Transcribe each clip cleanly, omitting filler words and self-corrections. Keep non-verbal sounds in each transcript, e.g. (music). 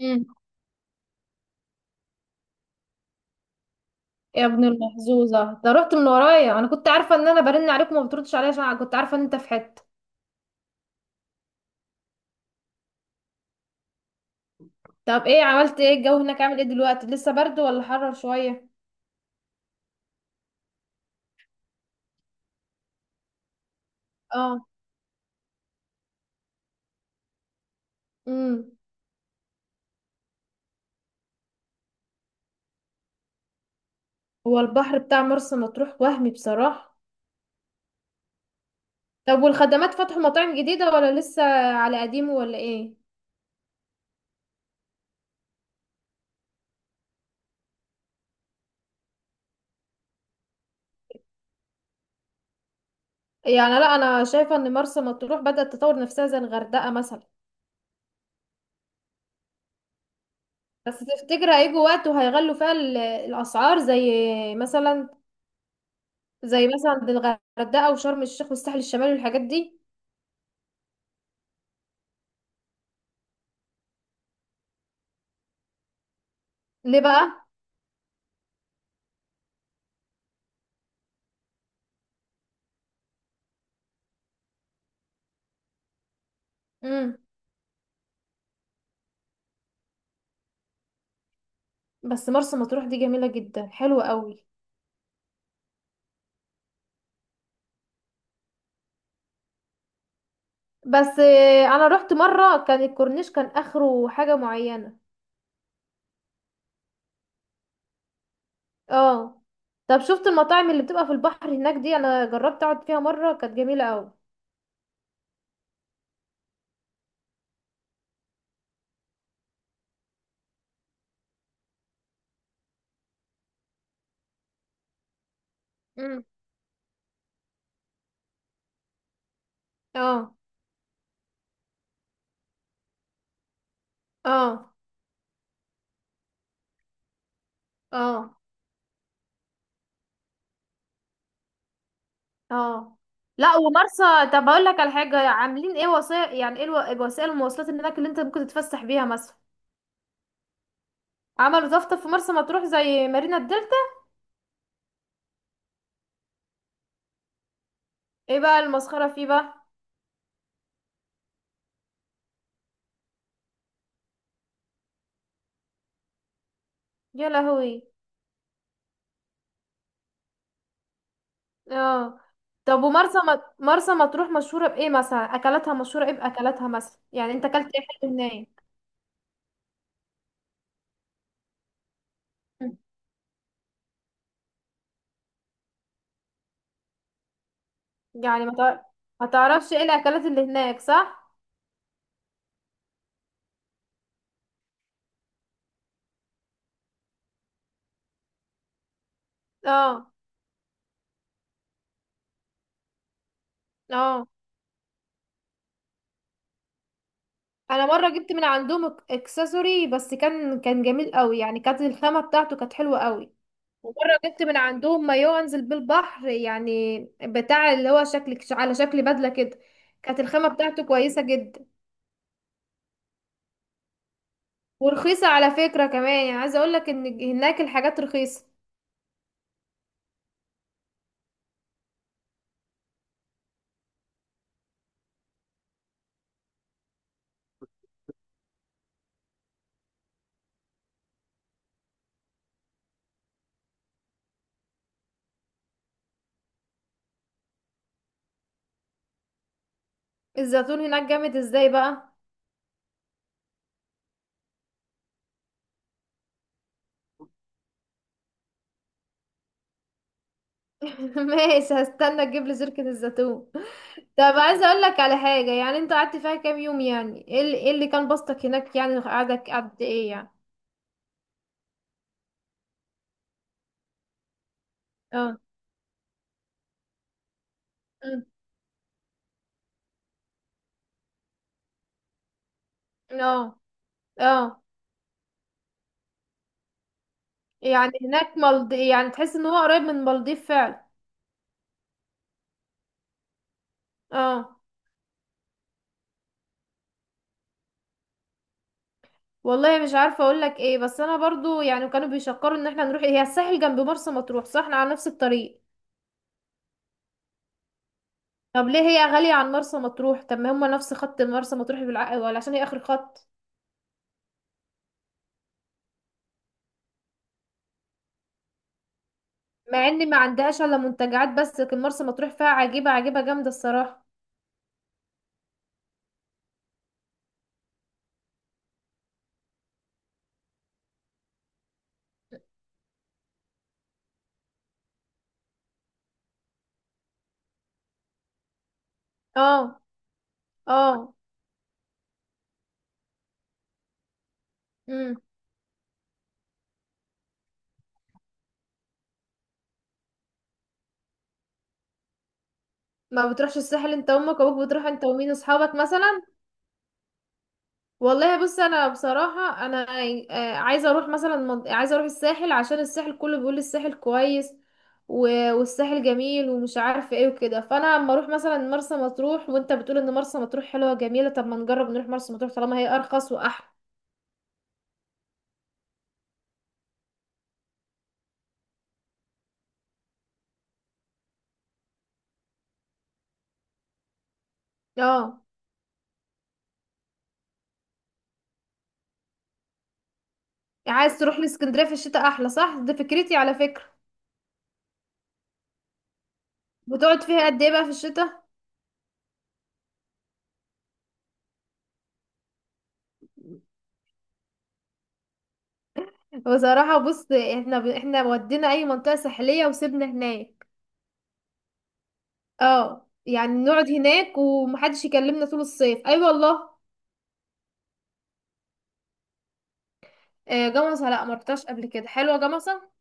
مم. يا ابن المحظوظة ده رحت من ورايا، انا كنت عارفة ان انا برن عليك وما بتردش عليا عشان كنت عارفة ان انت في حتة. طب ايه عملت؟ ايه الجو هناك؟ عامل ايه دلوقتي؟ لسه برد ولا حرر شوية؟ اه. امم هو البحر بتاع مرسى مطروح وهمي بصراحة. طب والخدمات، فتحوا مطاعم جديدة ولا لسه على قديمه ولا ايه؟ يعني لا، انا شايفة ان مرسى مطروح بدأت تطور نفسها زي الغردقة مثلا. بس تفتكر هيجوا وقت وهيغلوا فيها الاسعار، مثلا زي مثلا عند الغردقة وشرم الشيخ والساحل الشمالي والحاجات دي؟ ليه بقى؟ امم بس مرسى مطروح دي جميلة جدا، حلوة قوي. بس انا رحت مرة كان الكورنيش كان اخره حاجة معينة. اه. طب شفت المطاعم اللي بتبقى في البحر هناك دي؟ انا جربت اقعد فيها مرة كانت جميلة قوي. امم اه، اه، اه، اه. لا ومرسى. طب اقول لك على حاجة، عاملين ايه وسائل؟ يعني ايه وسائل المواصلات اللي هناك اللي انت ممكن تتفسح بيها مثلا؟ عملوا دفتر في مرسى مطروح زي مارينا الدلتا. ايه بقى المسخرة فيه بقى؟ يا لهوي! اه. طب مرسى مطروح مشهورة بإيه مثلا؟ أكلاتها مشهورة إيه؟ بأكلاتها مثلا، يعني أنت أكلت إيه حلو هناك؟ مم. يعني ما تعرفش إيه الأكلات اللي هناك، صح؟ اه، اه. أنا مرة جبت من عندهم إكسسوري، بس كان جميل قوي، يعني كانت الخامة بتاعته كانت حلوة قوي. ومرة جبت من عندهم مايو أنزل بالبحر، يعني بتاع اللي هو شكل، على شكل بدلة كده. كانت الخامة بتاعته كويسة جدا. ورخيصة على فكرة كمان، يعني عايزة اقولك ان هناك الحاجات رخيصة. الزيتون هناك جامد ازاي بقى؟ (laughs) ماشي، هستنى تجيب لي زركة الزيتون. طب عايزة اقولك على حاجة، يعني انت قعدت فيها كام يوم؟ يعني إيه اللي كان بسطك هناك؟ يعني قعدك قد ايه يعني؟ اه. أمم. اه. اه. يعني هناك يعني تحس ان هو قريب من المالديف فعلا؟ اه. والله مش عارفة اقولك ايه، بس انا برضو يعني كانوا بيشكروا ان احنا نروح. هي الساحل جنب مرسى مطروح صح؟ احنا على نفس الطريق. طب ليه هي غالية عن مرسى مطروح؟ طب ما هما نفس خط مرسى مطروح بالعقل، ولا عشان هي آخر خط؟ مع ان ما عندهاش الا منتجعات بس، لكن مرسى مطروح فيها عجيبة، عجيبة جامدة الصراحة. اه، اه. امم ما بتروحش الساحل انت وامك وابوك؟ بتروح انت ومين، اصحابك مثلا؟ والله بص، انا بصراحه انا عايزه اروح الساحل عشان الساحل كله بيقول الساحل كويس. والساحل جميل ومش عارفه ايه وكده، فانا اما اروح مثلا مرسى مطروح وانت بتقول ان مرسى مطروح حلوه جميله، طب ما نجرب نروح مرسى مطروح طالما هي ارخص واحلى. اه، عايز تروح لاسكندريه في الشتاء؟ احلى صح، دي فكرتي على فكره. بتقعد فيها قد ايه بقى في الشتاء؟ بصراحه بص، احنا احنا ودينا اي منطقه ساحليه وسيبنا هناك. اه، يعني نقعد هناك ومحدش يكلمنا طول الصيف، اي أيوة والله. جمصة، لا ما رحتهاش قبل كده. حلوة جمصة؟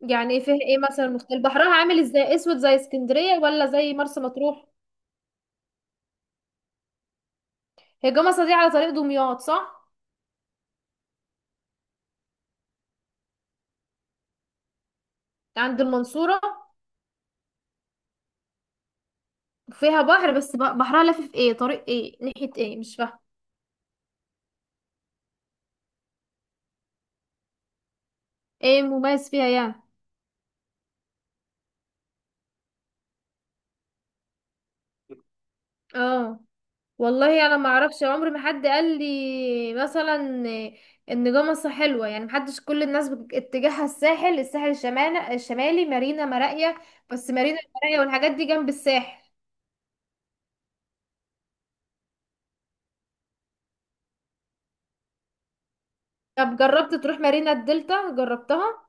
يعني ايه فيها ايه مثلا مختلف؟ بحرها عامل ازاي، اسود زي اسكندرية ولا زي مرسى مطروح؟ هي جمصة دي على طريق دمياط صح؟ عند المنصورة. فيها بحر، بس بحرها لافف ايه؟ طريق ايه؟ ناحية ايه؟ مش فاهمة. ايه مميز فيها يعني؟ اه، والله انا ما اعرفش، عمر ما حد قال لي مثلا ان جمصة حلوه. يعني محدش، كل الناس اتجاهها الساحل الشمالي، مارينا مراقية. بس مارينا مراقية والحاجات دي جنب الساحل. طب جربت تروح مارينا الدلتا، جربتها؟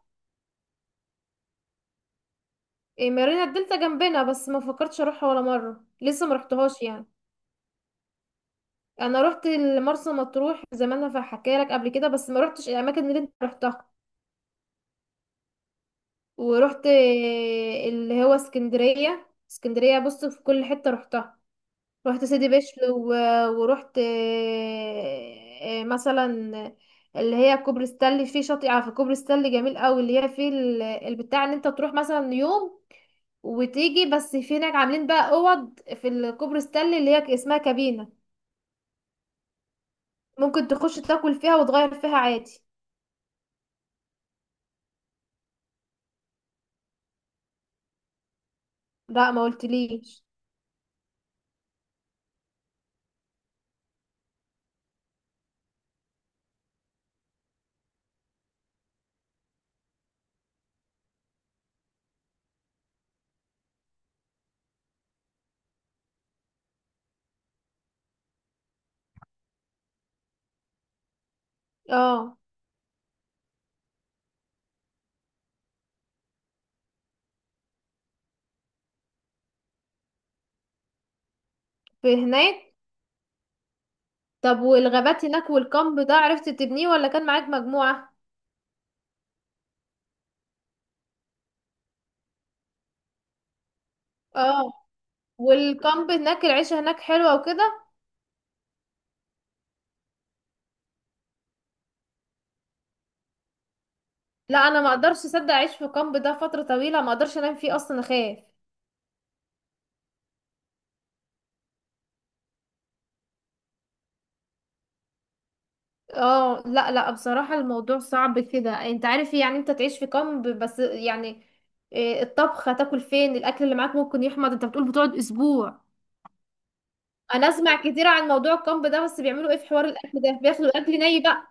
إيه، مارينا الدلتا جنبنا بس ما فكرتش اروحها ولا مره، لسه ما رحتهاش يعني. انا روحت مرسى مطروح زمان، انا حكيت لك قبل كده، بس ما روحتش الاماكن اللي انت روحتها. ورحت اللي هو اسكندريه. اسكندريه بص، في كل حته روحتها. رحت سيدي بشر ورحت مثلا اللي هي كوبري ستانلي، في شاطئ في كوبري ستانلي جميل قوي، اللي هي في البتاع ان انت تروح مثلا يوم وتيجي. بس في هناك عاملين بقى اوض في الكوبري ستانلي اللي هي اسمها كابينة. ممكن تخش تاكل فيها وتغير فيها عادي. لا، ما قلتليش. اه. في هناك. طب والغابات هناك والكامب ده، عرفت تبنيه ولا كان معاك مجموعة؟ اه، والكامب هناك، العيشة هناك حلوة وكده. لا انا ما اقدرش اصدق اعيش في كامب ده فتره طويله، ما اقدرش انام فيه اصلا، اخاف. اه، لا، لا، بصراحه الموضوع صعب كده. انت عارف إيه؟ يعني انت تعيش في كامب بس يعني. الطبخ، هتاكل فين؟ الاكل اللي معاك ممكن يحمض، انت بتقول بتقعد اسبوع. انا اسمع كتير عن موضوع الكامب ده، بس بيعملوا ايه في حوار الاكل ده؟ بياخدوا الاكل ني بقى؟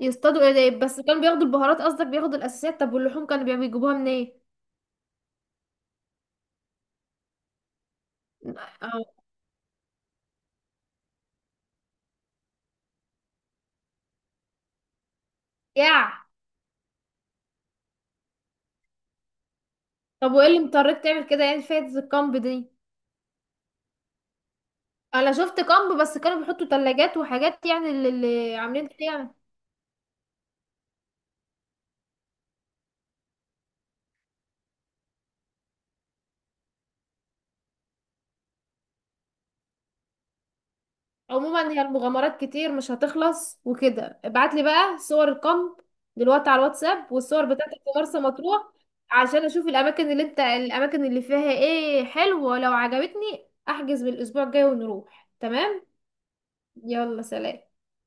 يصطادوا ايه ده؟ بس كانوا بياخدوا البهارات قصدك؟ بياخدوا الاساسيات؟ طب واللحوم كانوا بيجيبوها منين إيه؟ اه. يا طب وايه اللي مضطرك تعمل كده؟ يعني فايدة الكامب دي؟ انا شفت كامب بس كانوا بيحطوا ثلاجات وحاجات، يعني اللي عاملين كده يعني. عموما هي المغامرات كتير مش هتخلص وكده، ابعت لي بقى صور الكامب دلوقتي على الواتساب، والصور بتاعتك في مرسى مطروح، عشان اشوف الاماكن اللي انت الاماكن اللي فيها ايه حلوه، لو عجبتني احجز بالاسبوع الجاي ونروح، تمام. يلا سلام.